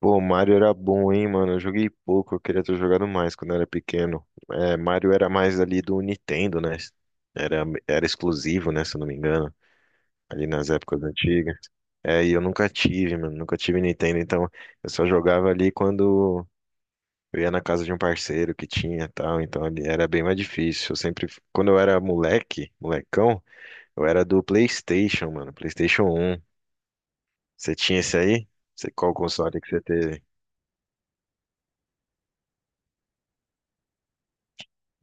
Pô, Mario era bom, hein, mano? Eu joguei pouco, eu queria ter jogado mais quando eu era pequeno. É, Mario era mais ali do Nintendo, né? Era exclusivo, né, se eu não me engano, ali nas épocas antigas. É, e eu nunca tive, mano, nunca tive Nintendo, então eu só jogava ali quando eu ia na casa de um parceiro que tinha e tal, então ali era bem mais difícil. Eu sempre, quando eu era moleque, molecão, eu era do PlayStation, mano, PlayStation um. Você tinha esse aí? Você, qual console que você teve?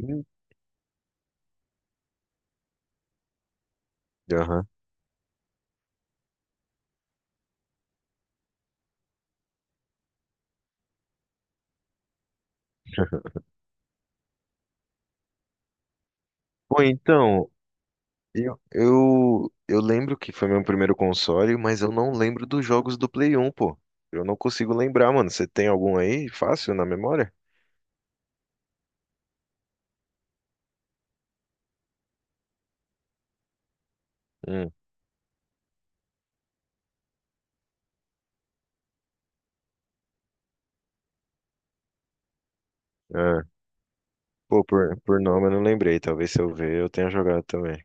Hum. Aham. Pô, então, eu lembro que foi meu primeiro console, mas eu não lembro dos jogos do Play 1, pô. Eu não consigo lembrar, mano. Você tem algum aí fácil na memória? Hum, é. Pô, por nome eu não lembrei. Talvez se eu ver eu tenha jogado também.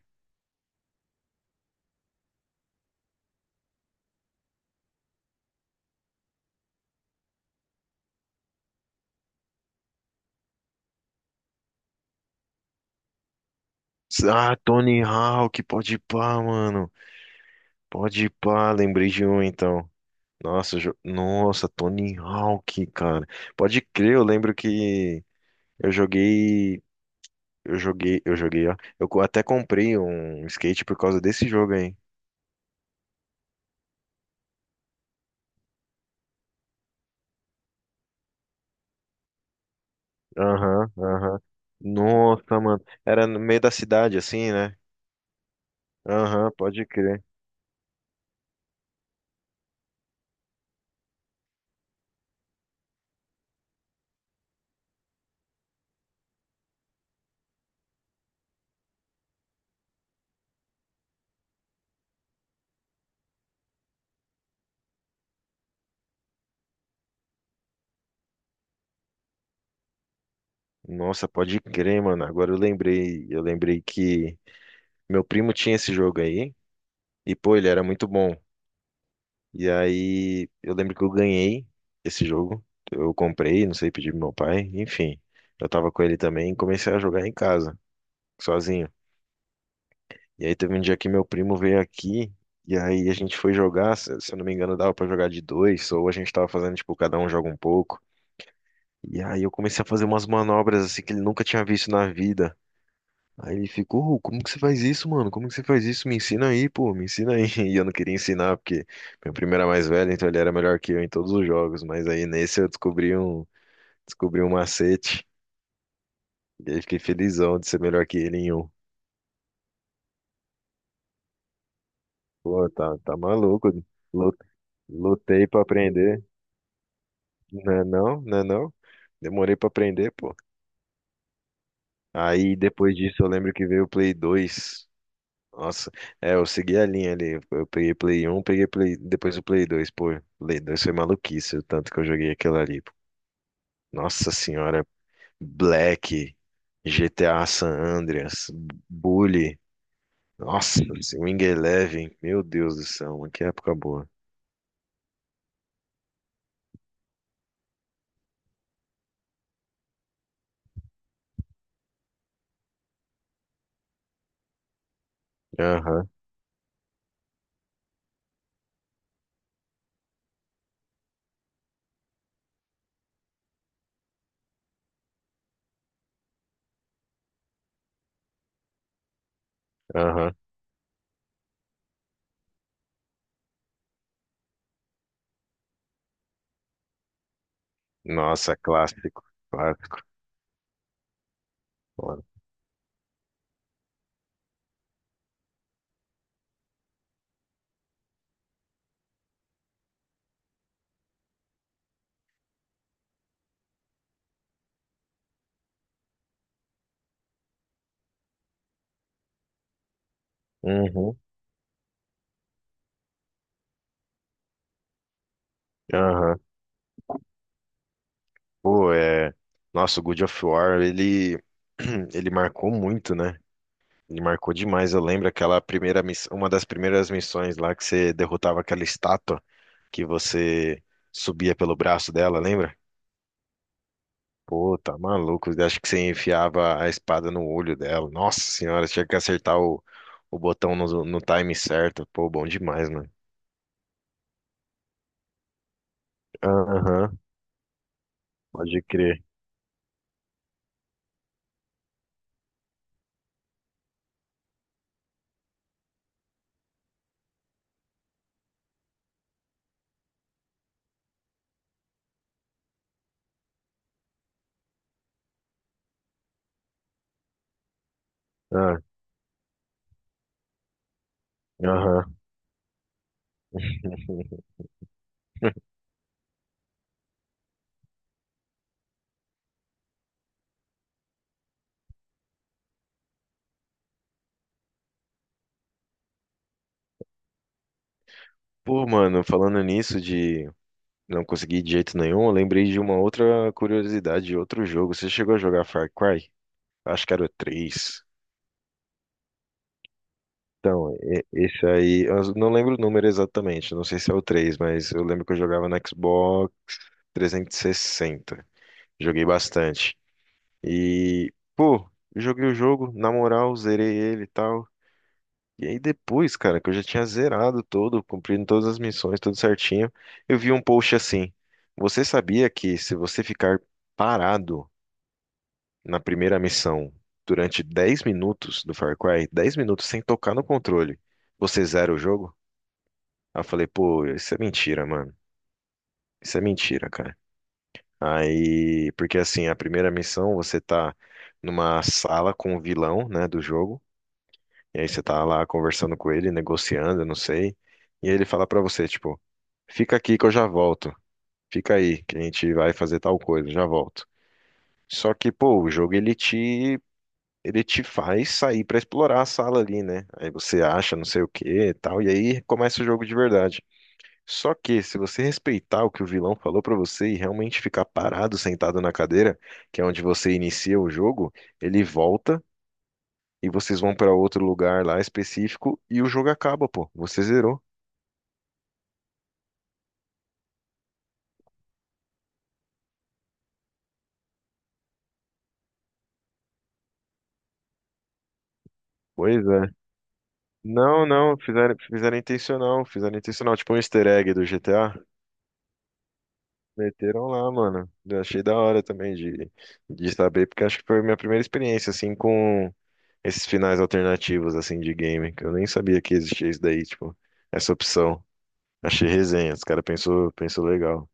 Ah, Tony Hawk, pode pá, mano. Pode pá, lembrei de um então. Nossa, Tony Hawk, cara. Pode crer, eu lembro que eu joguei. Eu joguei, eu joguei, ó. Eu até comprei um skate por causa desse jogo aí. Aham, aham. Nossa, mano. Era no meio da cidade, assim, né? Aham, pode crer. Nossa, pode crer, mano. Agora eu lembrei que meu primo tinha esse jogo aí e pô, ele era muito bom. E aí eu lembro que eu ganhei esse jogo. Eu comprei, não sei, pedi pro meu pai, enfim. Eu tava com ele também e comecei a jogar em casa, sozinho. E aí teve um dia que meu primo veio aqui e aí a gente foi jogar, se eu não me engano, dava pra jogar de dois ou a gente tava fazendo tipo cada um joga um pouco. E aí eu comecei a fazer umas manobras assim que ele nunca tinha visto na vida. Aí ele ficou: "Ô, como que você faz isso, mano? Como que você faz isso? Me ensina aí, pô, me ensina aí." E eu não queria ensinar, porque meu primo era mais velho, então ele era melhor que eu em todos os jogos. Mas aí nesse eu descobri um macete. E aí fiquei felizão de ser melhor que ele em um. Pô, tá maluco. Lu- Lutei pra aprender. Não é não, não é não. Demorei pra aprender, pô. Aí depois disso eu lembro que veio o Play 2. Nossa, é, eu segui a linha ali. Eu peguei Play 1, peguei Play, depois o Play 2. Pô, Play 2 foi maluquice, o tanto que eu joguei aquilo ali. Nossa senhora, Black, GTA San Andreas, Bully, nossa, esse Wing Eleven, meu Deus do céu, mano, que época boa. Aham, aham. Nossa, clássico, clássico. Mano. Uhum, aham. Pô, é. Nossa, o God of War, ele, ele marcou muito, né? Me marcou demais. Eu lembro aquela primeira miss... uma das primeiras missões lá que você derrotava aquela estátua, que você subia pelo braço dela, lembra? Pô, tá maluco. Eu acho que você enfiava a espada no olho dela. Nossa senhora, tinha que acertar o botão no... no time certo. Pô, bom demais, mano. Aham, pode crer. Ah, aham. Pô, mano, falando nisso de não conseguir de jeito nenhum, eu lembrei de uma outra curiosidade de outro jogo. Você chegou a jogar Far Cry? Acho que era o 3. Então, esse aí, eu não lembro o número exatamente, não sei se é o 3, mas eu lembro que eu jogava no Xbox 360. Joguei bastante. E, pô, joguei o jogo, na moral, zerei ele e tal. E aí depois, cara, que eu já tinha zerado todo, cumprindo todas as missões, tudo certinho, eu vi um post assim: você sabia que se você ficar parado na primeira missão durante 10 minutos do Far Cry, 10 minutos sem tocar no controle, você zera o jogo? Aí eu falei, pô, isso é mentira, mano. Isso é mentira, cara. Aí, porque assim, a primeira missão você tá numa sala com o vilão, né, do jogo, e aí você tá lá conversando com ele, negociando, eu não sei, e aí ele fala pra você, tipo, fica aqui que eu já volto. Fica aí, que a gente vai fazer tal coisa, já volto. Só que, pô, o jogo ele te faz sair pra explorar a sala ali, né? Aí você acha não sei o que e tal, e aí começa o jogo de verdade. Só que se você respeitar o que o vilão falou pra você e realmente ficar parado, sentado na cadeira, que é onde você inicia o jogo, ele volta e vocês vão pra outro lugar lá específico e o jogo acaba, pô. Você zerou. Pois é. Não, não, fizeram intencional, fizeram intencional, tipo um easter egg do GTA. Meteram lá, mano. Eu achei da hora também de saber, porque acho que foi a minha primeira experiência, assim, com esses finais alternativos, assim, de game, que eu nem sabia que existia isso daí, tipo, essa opção. Achei resenha, os cara pensou, pensou legal.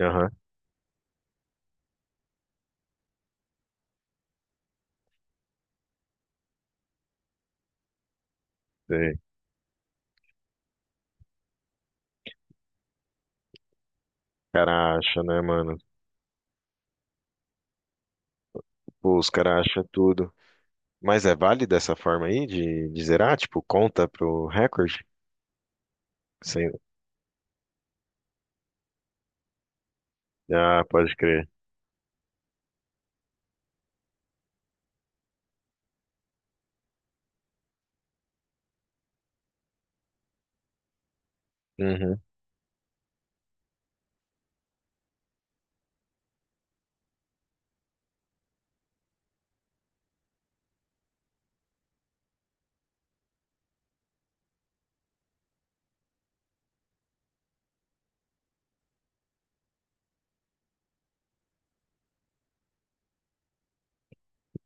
Aham, sei. O cara acha, né, mano? Pô, os cara acham tudo. Mas é válido essa forma aí de zerar? Tipo, conta pro recorde? Sem... Ah, pode crer. Uhum.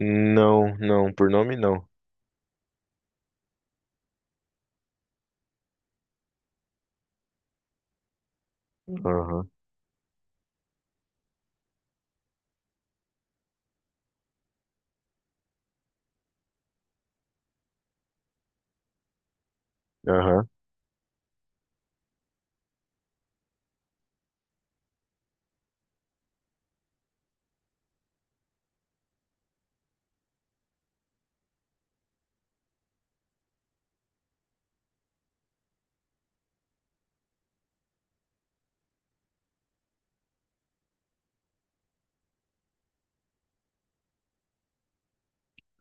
Não, não, por nome não. Aham, aham.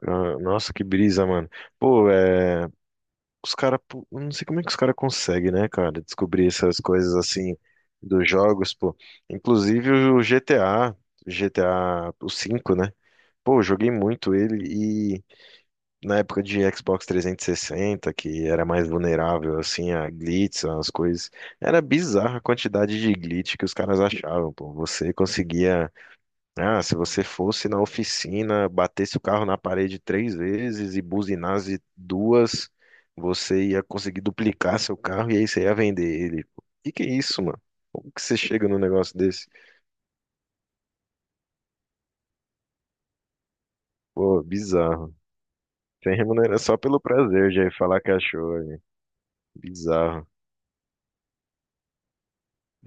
Ah, nossa, que brisa, mano. Pô, é. Os caras. Não sei como é que os caras conseguem, né, cara? Descobrir essas coisas assim dos jogos, pô. Inclusive o GTA, o 5 né? Pô, eu joguei muito ele e na época de Xbox 360, que era mais vulnerável, assim, a glitches, as coisas. Era bizarra a quantidade de glitch que os caras achavam, pô. Você conseguia se você fosse na oficina, batesse o carro na parede três vezes e buzinasse duas, você ia conseguir duplicar seu carro e aí você ia vender ele. O que que é isso, mano? Como que você chega num negócio desse? Pô, bizarro. Sem remuneração só pelo prazer de aí falar que achou. Aí. Bizarro.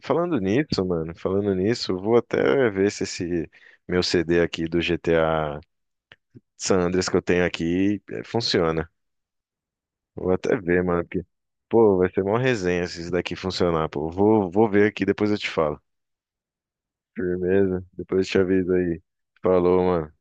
Falando nisso, mano, falando nisso, eu vou até ver se esse meu CD aqui do GTA San Andreas que eu tenho aqui funciona. Vou até ver, mano, porque, pô, vai ser mó resenha se isso daqui funcionar, pô. Vou ver aqui, depois eu te falo. Firmeza? Depois eu te aviso aí. Falou, mano.